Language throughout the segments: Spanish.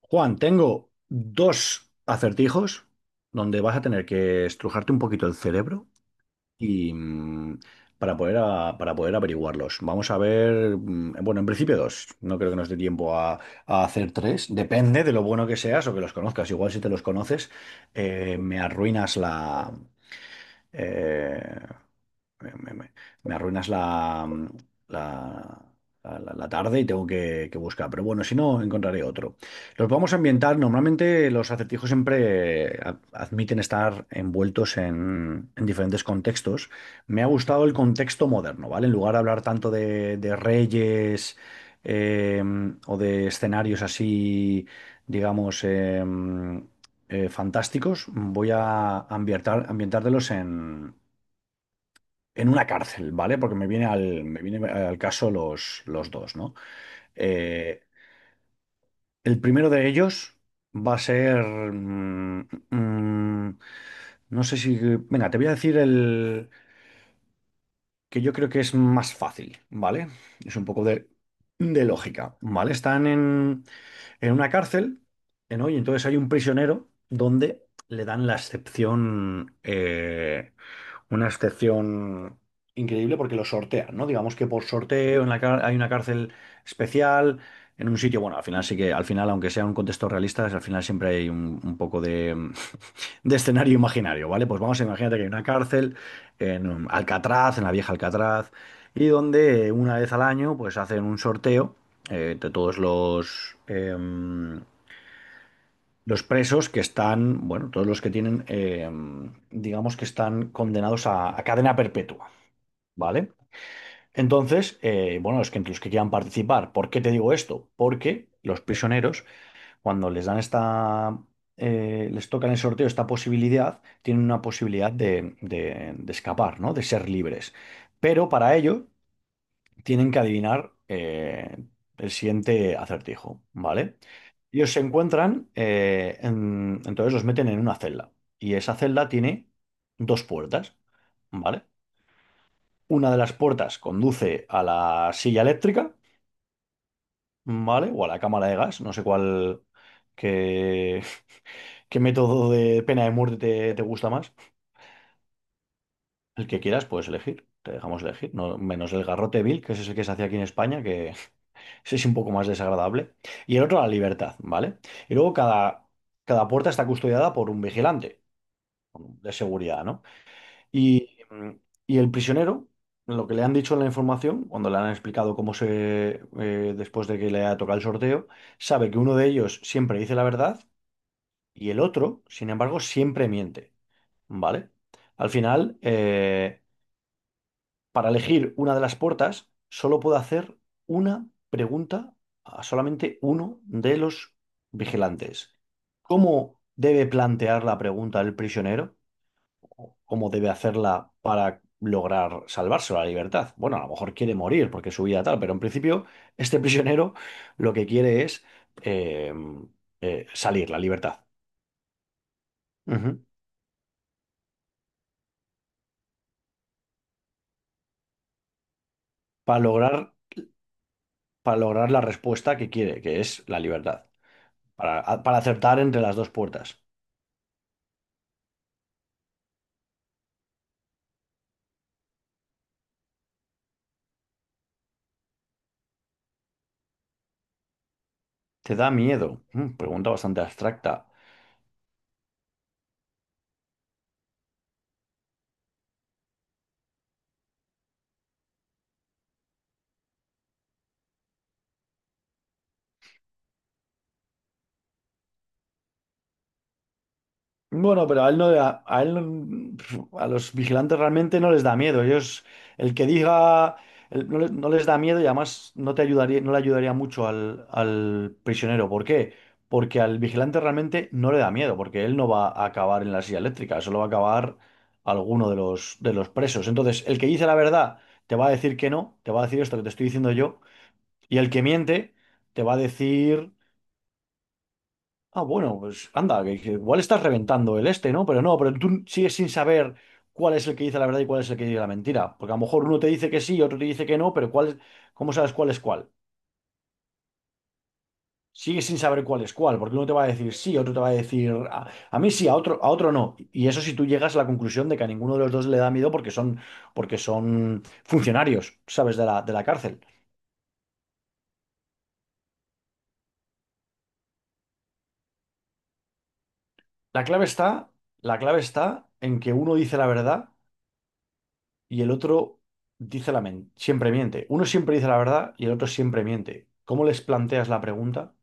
Juan, tengo dos acertijos donde vas a tener que estrujarte un poquito el cerebro y para poder, para poder averiguarlos. Vamos a ver, bueno, en principio dos. No creo que nos dé tiempo a, hacer tres. Depende de lo bueno que seas o que los conozcas. Igual si te los conoces, eh, me arruinas la... eh, me, me- me- me arruinas la, la tarde y tengo que buscar. Pero bueno, si no, encontraré otro. Los vamos a ambientar. Normalmente los acertijos siempre admiten estar envueltos en diferentes contextos. Me ha gustado el contexto moderno, ¿vale? En lugar de hablar tanto de reyes, eh, o de escenarios así, digamos, fantásticos. Voy a ambientártelos en una cárcel, ¿vale? Porque me viene al caso los dos, ¿no? Eh, el primero de ellos va a ser, no sé si. Venga, te voy a decir el que yo creo que es más fácil, ¿vale? Es un poco de lógica, ¿vale? Están en una cárcel, ¿no? Y entonces hay un prisionero donde le dan la excepción... una excepción increíble porque lo sortean, ¿no? Digamos que por sorteo en la hay una cárcel especial, en un sitio, bueno, al final sí que, al final, aunque sea un contexto realista, al final siempre hay un poco de de escenario imaginario, ¿vale? Pues vamos a imagínate que hay una cárcel en Alcatraz, en la vieja Alcatraz, y donde, una vez al año, pues hacen un sorteo de todos los presos que están, bueno, todos los que tienen, digamos, que están condenados a, cadena perpetua, ¿vale? Entonces, bueno, los que quieran participar. ¿Por qué te digo esto? Porque los prisioneros, cuando les dan les tocan el sorteo esta posibilidad, tienen una posibilidad de escapar, ¿no? De ser libres. Pero para ello tienen que adivinar el siguiente acertijo, ¿vale? Ellos se encuentran, entonces los meten en una celda, y esa celda tiene dos puertas, ¿vale? Una de las puertas conduce a la silla eléctrica, ¿vale? O a la cámara de gas, no sé cuál, qué, qué método de pena de muerte te gusta más. El que quieras puedes elegir, te dejamos elegir. No, menos el garrote vil, que ese es el que se hacía aquí en España, que ese es un poco más desagradable. Y el otro, la libertad, ¿vale? Y luego cada puerta está custodiada por un vigilante de seguridad, ¿no? Y, y el prisionero, lo que le han dicho en la información, cuando le han explicado cómo después de que le ha tocado el sorteo, sabe que uno de ellos siempre dice la verdad y el otro, sin embargo, siempre miente, ¿vale? Al final, para elegir una de las puertas, solo puedo hacer una pregunta a solamente uno de los vigilantes. ¿Cómo debe plantear la pregunta el prisionero? ¿O cómo debe hacerla para lograr salvarse la libertad? Bueno, a lo mejor quiere morir porque su vida tal, pero en principio este prisionero lo que quiere es, eh, salir, la libertad. Ujú. Para lograr, para lograr la respuesta que quiere, que es la libertad. Para acertar entre las dos puertas. Te da miedo. Mm, pregunta bastante abstracta. Bueno, pero a él no le da- a él no- a los vigilantes realmente no les da miedo. Ellos, el que diga, el- no, no les da miedo, y además no le ayudaría mucho al, prisionero. ¿Por qué? Porque al vigilante realmente no le da miedo, porque él no va a acabar en la silla eléctrica, solo va a acabar alguno de los, presos. Entonces, el que dice la verdad te va a decir que no, te va a decir esto que te estoy diciendo yo, y el que miente te va a decir. Ah, bueno, pues anda, que igual estás reventando el este, ¿no? Pero no, pero tú sigues sin saber cuál es el que dice la verdad y cuál es el que dice la mentira. Porque a lo mejor uno te dice que sí y otro te dice que no, pero cuál es, ¿cómo sabes cuál es cuál? Sigues sin saber cuál es cuál, porque uno te va a decir sí, otro te va a decir a, mí sí, a otro no. Y eso si tú llegas a la conclusión de que a ninguno de los dos le da miedo porque son, funcionarios, ¿sabes? De la, cárcel. La clave está, la clave está en que uno dice la verdad y el otro siempre miente. Uno siempre dice la verdad y el otro siempre miente. ¿Cómo les planteas la pregunta?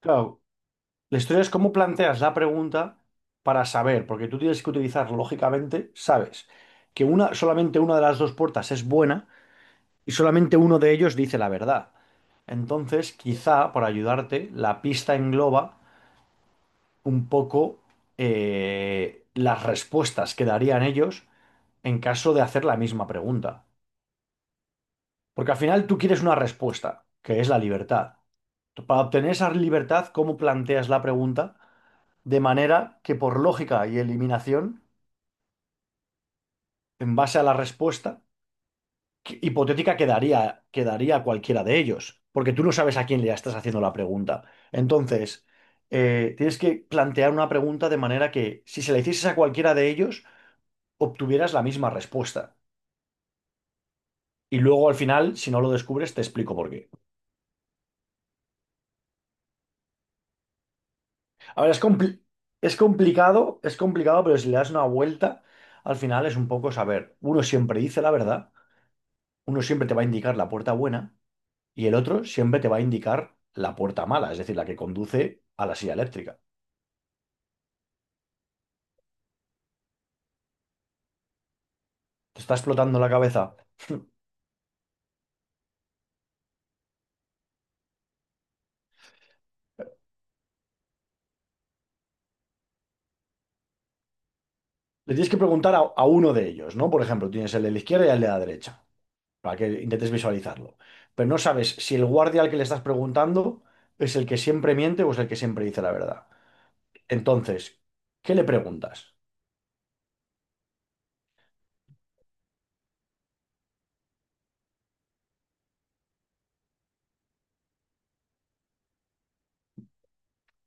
Claro, la historia es cómo planteas la pregunta para saber, porque tú tienes que utilizar lógicamente, sabes que una, solamente una de las dos puertas es buena y solamente uno de ellos dice la verdad. Entonces, quizá para ayudarte, la pista engloba un poco las respuestas que darían ellos en caso de hacer la misma pregunta. Porque al final tú quieres una respuesta, que es la libertad. Tú, para obtener esa libertad, ¿cómo planteas la pregunta? De manera que por lógica y eliminación, en base a la respuesta hipotética, quedaría a cualquiera de ellos, porque tú no sabes a quién le estás haciendo la pregunta. Entonces, tienes que plantear una pregunta de manera que si se la hicieses a cualquiera de ellos, obtuvieras la misma respuesta. Y luego al final, si no lo descubres, te explico por qué. A ver, es complicado, pero si le das una vuelta, al final es un poco saber. Uno siempre dice la verdad, uno siempre te va a indicar la puerta buena y el otro siempre te va a indicar la puerta mala, es decir, la que conduce a la silla eléctrica. Te está explotando la cabeza. Le tienes que preguntar a, uno de ellos, ¿no? Por ejemplo, tienes el de la izquierda y el de la derecha, para que intentes visualizarlo. Pero no sabes si el guardia al que le estás preguntando es el que siempre miente o es el que siempre dice la verdad. Entonces, ¿qué le preguntas?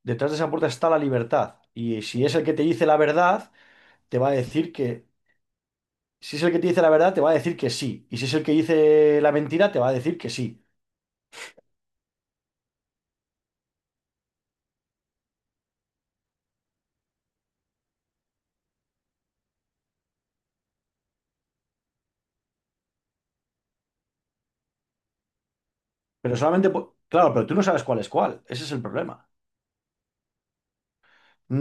Detrás de esa puerta está la libertad. Y si es el que te dice la verdad, te va a decir que... Si es el que te dice la verdad, te va a decir que sí. Y si es el que dice la mentira, te va a decir que sí. Pero solamente, claro, pero tú no sabes cuál es cuál. Ese es el problema.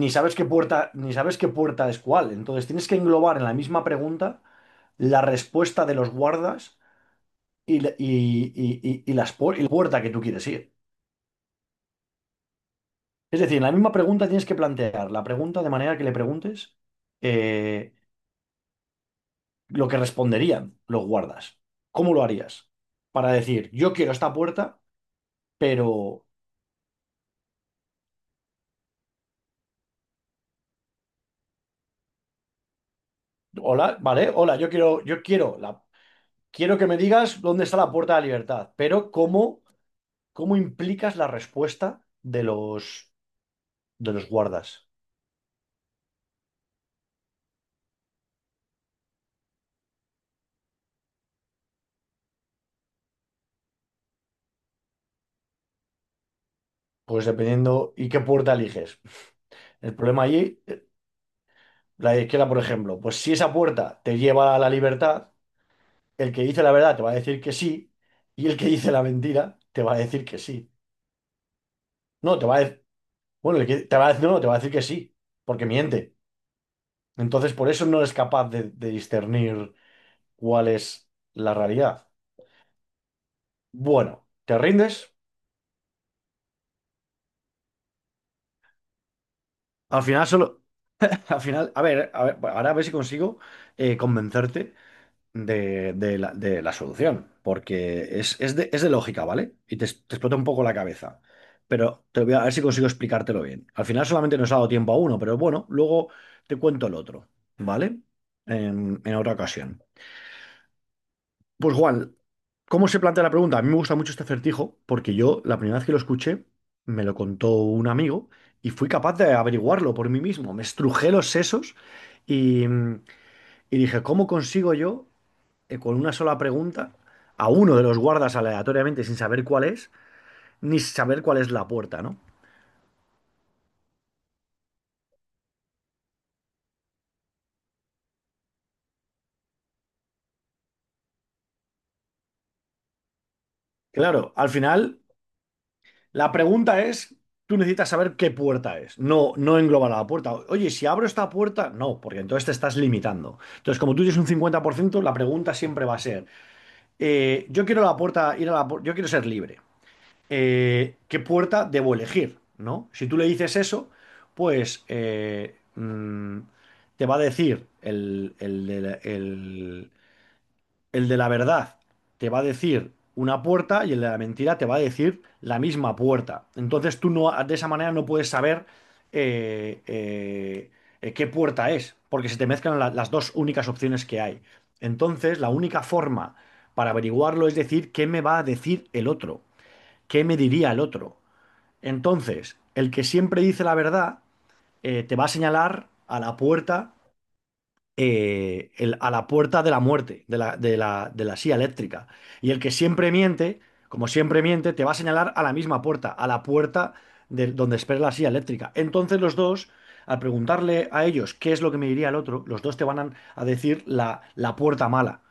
Ni sabes qué puerta, ni sabes qué puerta es cuál. Entonces tienes que englobar en la misma pregunta la respuesta de los guardas y, y la puerta que tú quieres ir. Es decir, en la misma pregunta tienes que plantear la pregunta de manera que le preguntes, eh, lo que responderían los guardas. ¿Cómo lo harías? Para decir, yo quiero esta puerta, pero, hola, vale, hola, yo quiero la quiero que me digas dónde está la puerta de la libertad. Pero ¿cómo, implicas la respuesta de los, guardas? Pues dependiendo y qué puerta eliges. El problema allí, la de izquierda, por ejemplo, pues si esa puerta te lleva a la libertad, el que dice la verdad te va a decir que sí, y el que dice la mentira te va a decir que sí. No, te va a, bueno, el que te va a, no, te va a decir que sí, porque miente. Entonces, por eso no es capaz de, discernir cuál es la realidad. Bueno, ¿te rindes? Al final solo, al final, a ver, bueno, ahora a ver si consigo, convencerte de la solución, porque es, es de lógica, ¿vale? Y te explota un poco la cabeza, pero te voy a ver si consigo explicártelo bien. Al final solamente nos ha dado tiempo a uno, pero bueno, luego te cuento el otro, ¿vale? En otra ocasión. Pues Juan, ¿cómo se plantea la pregunta? A mí me gusta mucho este acertijo porque yo la primera vez que lo escuché me lo contó un amigo, y fui capaz de averiguarlo por mí mismo. Me estrujé los sesos y, dije, ¿cómo consigo yo, con una sola pregunta, a uno de los guardas aleatoriamente sin saber cuál es, ni saber cuál es la puerta, ¿no? Claro, al final la pregunta es, tú necesitas saber qué puerta es, no, no englobar a la puerta. Oye, si abro esta puerta, no, porque entonces te estás limitando. Entonces, como tú tienes un 50%, la pregunta siempre va a ser, yo quiero la puerta, ir a la, yo quiero ser libre. ¿Qué puerta debo elegir? ¿No? Si tú le dices eso, pues, te va a decir el de la verdad te va a decir una puerta y el de la mentira te va a decir la misma puerta. Entonces tú no, de esa manera no puedes saber, eh, eh, qué puerta es, porque se te mezclan las dos únicas opciones que hay. Entonces la única forma para averiguarlo es decir qué me va a decir el otro, qué me diría el otro. Entonces, el que siempre dice la verdad, te va a señalar a la a la puerta de la muerte, de la silla eléctrica. Y el que siempre miente, como siempre miente, te va a señalar a la misma puerta, a la puerta de donde espera la silla eléctrica. Entonces los dos, al preguntarle a ellos qué es lo que me diría el otro, los dos te van a, decir la puerta mala.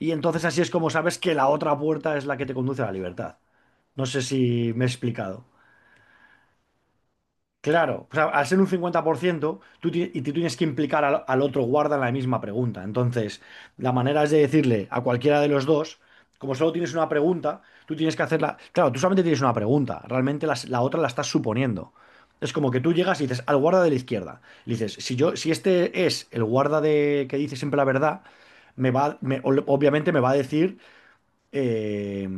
Y entonces así es como sabes que la otra puerta es la que te conduce a la libertad. No sé si me he explicado. Claro, o sea, al ser un 50%, y tú tienes que implicar al, otro guarda en la misma pregunta. Entonces, la manera es de decirle a cualquiera de los dos, como solo tienes una pregunta, tú tienes que hacerla. Claro, tú solamente tienes una pregunta, realmente otra la estás suponiendo. Es como que tú llegas y dices al guarda de la izquierda. Le dices, si yo, si este es el guarda de que dice siempre la verdad, obviamente me va a decir, eh,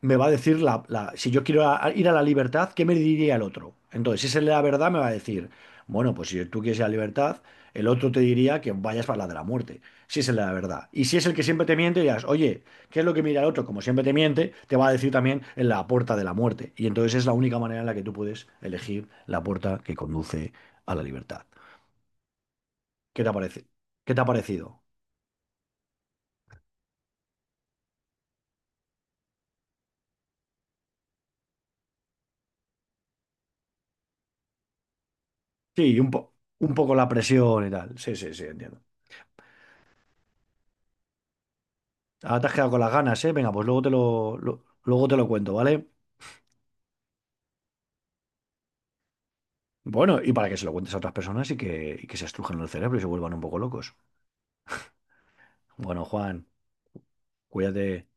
me va a decir si yo quiero ir a la libertad, ¿qué me diría el otro? Entonces, si esa es la verdad, me va a decir, bueno, pues si tú quieres ir a la libertad, el otro te diría que vayas para la de la muerte, si esa es la verdad. Y si es el que siempre te miente, dirás, oye, ¿qué es lo que mira el otro? Como siempre te miente, te va a decir también en la puerta de la muerte. Y entonces es la única manera en la que tú puedes elegir la puerta que conduce a la libertad. ¿Qué te parece? ¿Qué te ha parecido? Sí, un poco la presión y tal. Sí, sí, sí, entiendo. Ahora te has quedado con las ganas, ¿eh? Venga, pues luego te lo, luego te lo cuento, ¿vale? Bueno, y para que se lo cuentes a otras personas y que se estrujan el cerebro y se vuelvan un poco locos. Bueno, Juan, cuídate.